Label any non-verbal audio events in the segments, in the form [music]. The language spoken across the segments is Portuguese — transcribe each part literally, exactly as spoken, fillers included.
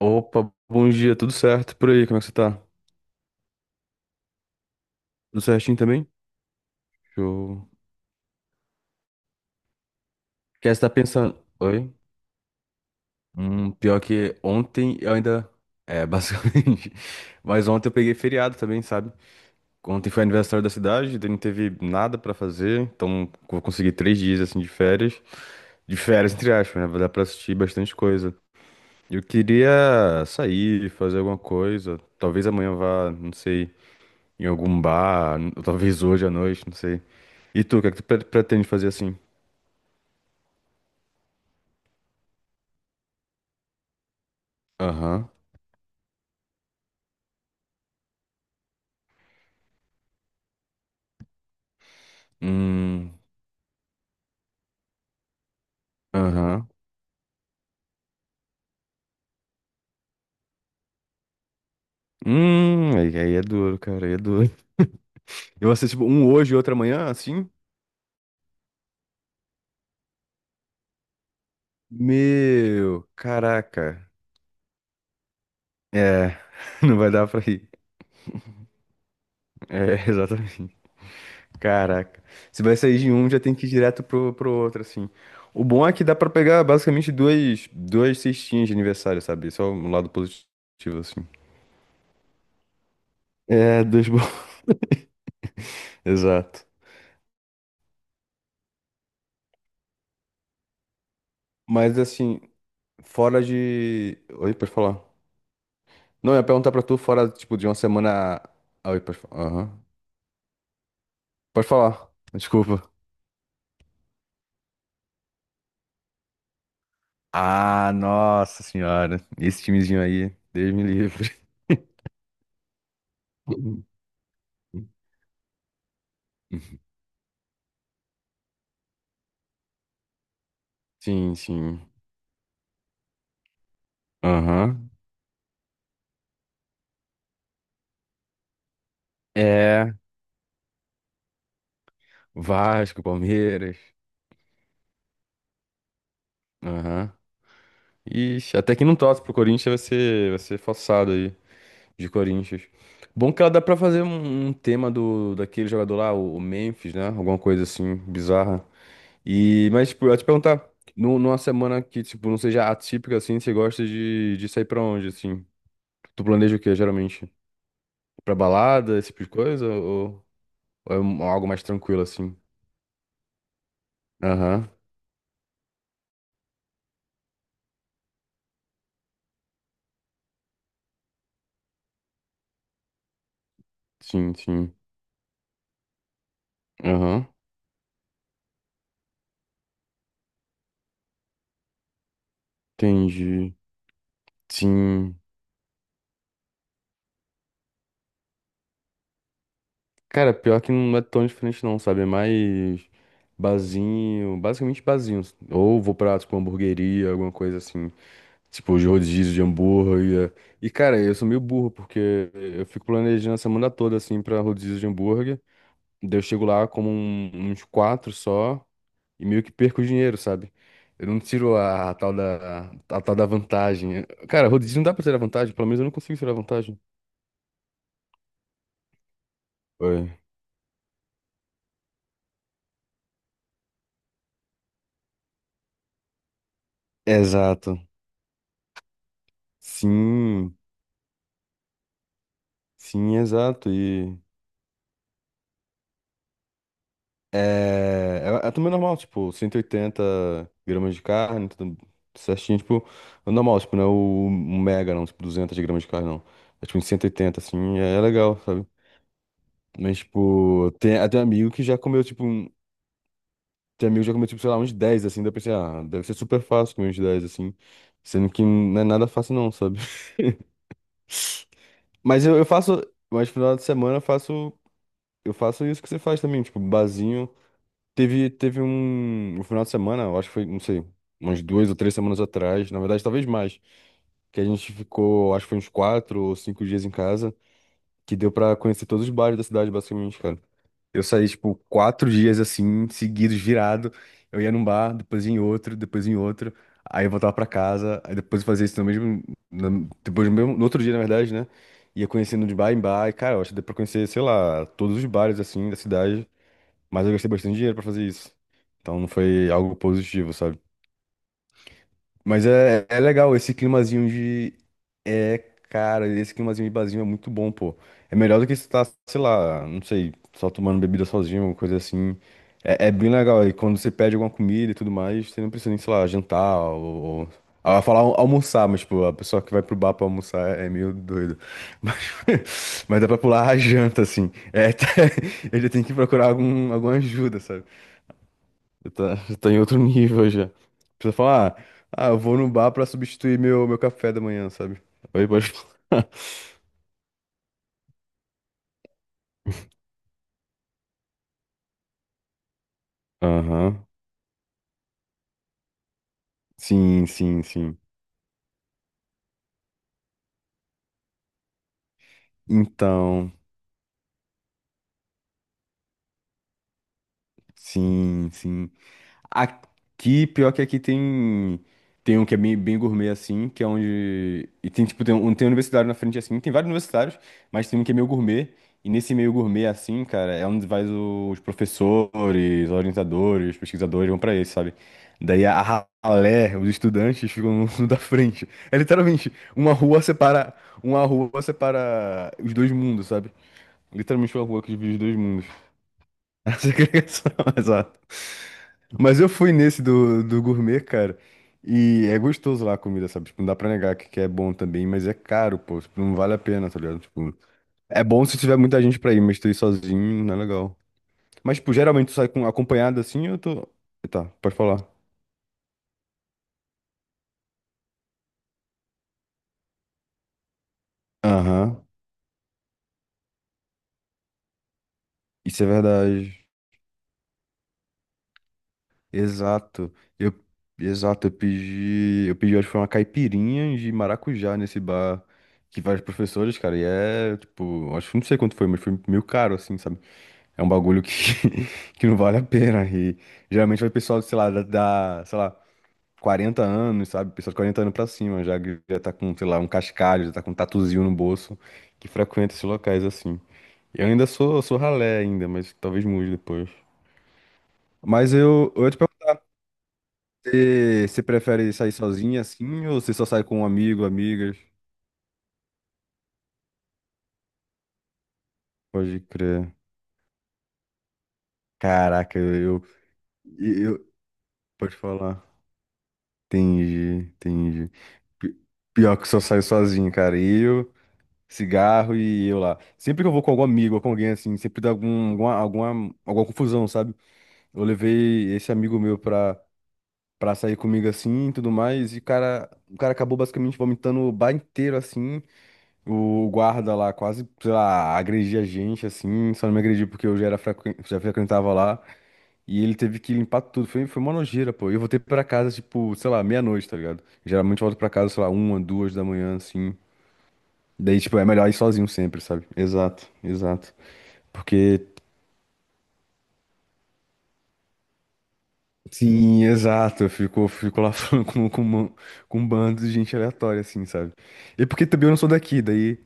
Opa, bom dia, tudo certo por aí? Como é que você tá? Tudo certinho também? Show. Quer estar pensando? Oi? Hum, pior que ontem eu ainda. É, [laughs] basicamente. Mas ontem eu peguei feriado também, sabe? Ontem foi aniversário da cidade, daí não teve nada pra fazer, então vou conseguir três dias assim de férias. De férias, entre aspas, né? Vai dar pra assistir bastante coisa. Eu queria sair, fazer alguma coisa. Talvez amanhã eu vá, não sei. Em algum bar, n- talvez hoje à noite, não sei. E tu, o que é que tu pre- pretende fazer assim? Aham. Hum. Aham. Hum, aí, aí é duro, cara, aí é duro. [laughs] Eu assisto tipo, um hoje e outro amanhã, assim? Meu, caraca. É, [laughs] não vai dar pra ir. É, [laughs] exatamente. Caraca. Se vai sair de um, já tem que ir direto pro, pro outro, assim. O bom é que dá pra pegar basicamente duas, duas cestinhas de aniversário, sabe? Só um lado positivo, assim. É, dois bons. [laughs] Exato. Mas assim, fora de. Oi, pode falar. Não, eu ia perguntar pra tu fora, tipo, de uma semana. Ah, oi, pode falar. Aham. Pode falar. Desculpa. Ah, nossa senhora. Esse timezinho aí, Deus me livre. [laughs] Sim, sim. Aham. É. Vasco, Palmeiras. Aham. Ixi, até que não torce pro Corinthians vai ser, vai ser forçado aí. De Corinthians. Bom que ela dá pra fazer um, um tema do daquele jogador lá, o, o Memphis, né? Alguma coisa assim, bizarra. E, mas, tipo, eu ia te perguntar, nu- numa semana que, tipo, não seja atípica, assim, você gosta de, de sair pra onde, assim? Tu planeja o quê, geralmente? Pra balada, esse tipo de coisa? Ou, ou é um- algo mais tranquilo, assim? Aham, sim, sim. Aham, entendi. Sim. Cara, pior que não é tão diferente não, sabe? É mais barzinho, basicamente barzinho. Ou vou pra, tipo, hamburgueria, alguma coisa assim. Tipo, de rodízio de hambúrguer. E, cara, eu sou meio burro, porque eu fico planejando a semana toda, assim, pra rodízio de hambúrguer. Daí eu chego lá como um- uns quatro só e meio que perco o dinheiro, sabe? Eu não tiro a, a tal da, a tal da vantagem. Cara, rodízio não dá pra tirar vantagem, pelo menos eu não consigo tirar vantagem. Oi. Exato. Sim, sim, exato. E é, é, é também normal, tipo, cento e oitenta gramas de carne, tudo certinho, tipo, é normal, tipo, não é o um mega, não, tipo, duzentos gramas de carne, não. É tipo, em cento e oitenta assim, é, é legal, sabe? Mas, tipo, tem até amigo que já comeu, tipo, um- tem amigo que já comeu, tipo, sei lá, uns dez assim, daí eu pensei, ah, deve ser super fácil comer uns dez assim, sendo que não é nada fácil, não, sabe? [laughs] Mas eu, eu faço, mas no final de semana eu faço, eu faço isso que você faz também, tipo, barzinho. Teve, teve um, um final de semana, eu acho que foi, não sei, umas duas ou três semanas atrás, na verdade, talvez mais, que a gente ficou, acho que foi uns quatro ou cinco dias em casa, que deu pra conhecer todos os bares da cidade, basicamente, cara. Eu saí, tipo, quatro dias assim, seguidos, virado. Eu ia num bar, depois ia em outro, depois em outro. Aí eu voltava pra casa, aí depois eu fazia isso no mesmo. No- depois no mesmo, no outro dia, na verdade, né? Ia conhecendo de bar em bar, e, cara, eu acho que deu pra conhecer, sei lá, todos os bares assim da cidade. Mas eu gastei bastante dinheiro pra fazer isso. Então não foi algo positivo, sabe? Mas é, é legal, esse climazinho de. É, cara, esse climazinho de barzinho é muito bom, pô. É melhor do que estar, sei lá, não sei, só tomando bebida sozinho, alguma coisa assim. É, é bem legal. E quando você pede alguma comida e tudo mais, você não precisa nem, sei lá, jantar ou. ou... Ah, eu ia falar al- almoçar, mas, tipo, a pessoa que vai pro bar pra almoçar é meio doido. Mas, [laughs] mas dá pra pular a janta, assim. É, [laughs] tá- ele tem que procurar algum, alguma ajuda, sabe? Eu tá, [laughs] tá em outro nível já. A pessoa fala, ah, ah, eu vou no bar pra substituir meu, meu café da manhã, sabe? Aí pode falar. [laughs] Aham. Sim, sim, sim. Então, sim, sim. Aqui, pior que aqui tem. Tem um que é bem, bem gourmet, assim, que é onde. E tem, tipo, tem um, tem um universitário na frente, assim. Tem vários universitários, mas tem um que é meio gourmet. E nesse meio gourmet, assim, cara, é onde vai os professores, orientadores, pesquisadores, vão pra esse, sabe? Daí a ralé, os estudantes ficam no, [laughs] da frente. É literalmente, uma rua separa. Uma rua separa os dois mundos, sabe? Literalmente uma rua que divide os dois mundos. A segregação, [laughs] exato. Mas eu fui nesse do, do gourmet, cara. E é gostoso lá a comida, sabe? Tipo, não dá pra negar que, que é bom também, mas é caro, pô. Tipo, não vale a pena, tá ligado? Tipo, é bom se tiver muita gente pra ir, mas tu ir sozinho não é legal. Mas, tipo, geralmente tu sai com, acompanhado assim, eu tô. Tá, pode falar. Aham. Isso é verdade. Exato. Eu, exato, eu pedi, eu pedi, acho que foi uma caipirinha de maracujá nesse bar que vários professores, cara, e é, tipo, acho que não sei quanto foi, mas foi meio caro, assim, sabe? É um bagulho que, [laughs] que não vale a pena. E geralmente vai pessoal, sei lá, da, da, sei lá, quarenta anos, sabe? Pessoal de quarenta anos pra cima, já, que já tá com, sei lá, um cascalho, já tá com um tatuzinho no bolso, que frequenta esses locais, assim. Eu ainda sou, sou ralé ainda, mas talvez mude depois. Mas eu, eu ia te perguntar. Você você prefere sair sozinha assim ou você só sai com um amigo, amigas? Pode crer. Caraca, eu, eu, eu- pode falar. Entendi, entendi. Pi- Pior que só saio sozinho, cara. Eu, cigarro e eu lá. Sempre que eu vou com algum amigo ou com alguém assim, sempre dá algum, alguma, alguma, alguma confusão, sabe? Eu levei esse amigo meu pra, pra sair comigo assim e tudo mais, e o cara, o cara acabou basicamente vomitando o bar inteiro assim. O guarda lá quase, sei lá, agredia a gente, assim, só não me agrediu porque eu já era frequen- já frequentava lá, e ele teve que limpar tudo, foi, foi uma nojeira, pô. E eu voltei pra casa, tipo, sei lá, meia-noite, tá ligado? Geralmente eu volto pra casa, sei lá, uma, duas da manhã, assim, daí, tipo, é melhor ir sozinho sempre, sabe? Exato, exato, porque, sim, exato, eu fico, fico lá [laughs] falando com, com, um- com um bando de gente aleatória, assim, sabe? E porque também eu não sou daqui, daí,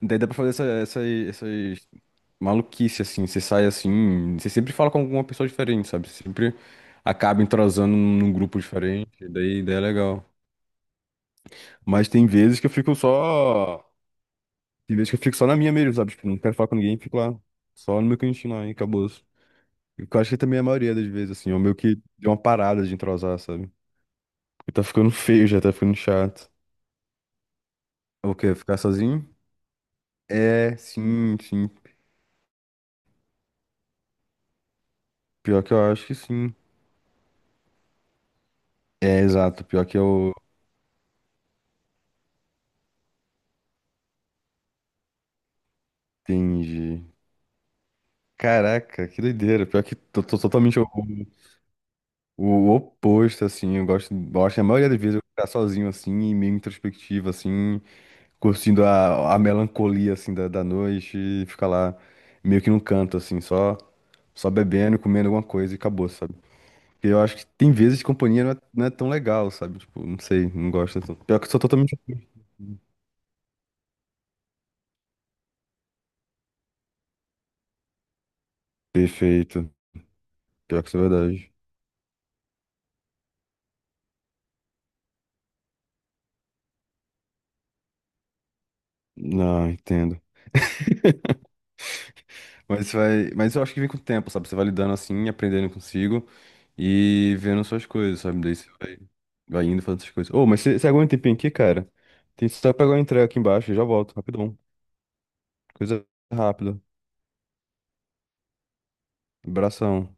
daí dá pra fazer essa, essa, essas maluquice, assim. Você sai assim, você sempre fala com alguma pessoa diferente, sabe? Você sempre acaba entrosando num grupo diferente, daí, daí é legal. Mas tem vezes que eu fico só. Tem vezes que eu fico só na minha mesmo, sabe? Tipo, não quero falar com ninguém, fico lá, só no meu cantinho lá, e acabou. Eu acho que também é a maioria das vezes, assim, eu meio que deu uma parada de entrosar, sabe? Porque tá ficando feio já, tá ficando chato. O quê? Ficar sozinho? É, sim, sim. Pior que eu acho que sim. É, exato. Pior que eu entendi. Caraca, que doideira. Pior que tô, tô totalmente o, o oposto, assim. Eu gosto, gosto, a maioria das vezes, eu ficar sozinho, assim, e meio introspectivo, assim, curtindo a, a melancolia, assim, da, da noite e ficar lá meio que num canto, assim, só, só bebendo, comendo alguma coisa e acabou, sabe? Porque eu acho que tem vezes que companhia não é, não é tão legal, sabe? Tipo, não sei, não gosto tanto. Pior que eu sou totalmente oposto. Perfeito. Pior que isso é verdade. Não, entendo. Mas vai, mas eu acho que vem com o tempo, sabe? Você vai lidando assim, aprendendo consigo e vendo suas coisas, sabe? Daí você vai, vai indo fazendo suas coisas. Ô, mas você você aguenta um tempinho aqui, cara? Tem só pegar uma entrega aqui embaixo e já volto, rapidão. Coisa rápida. Abração.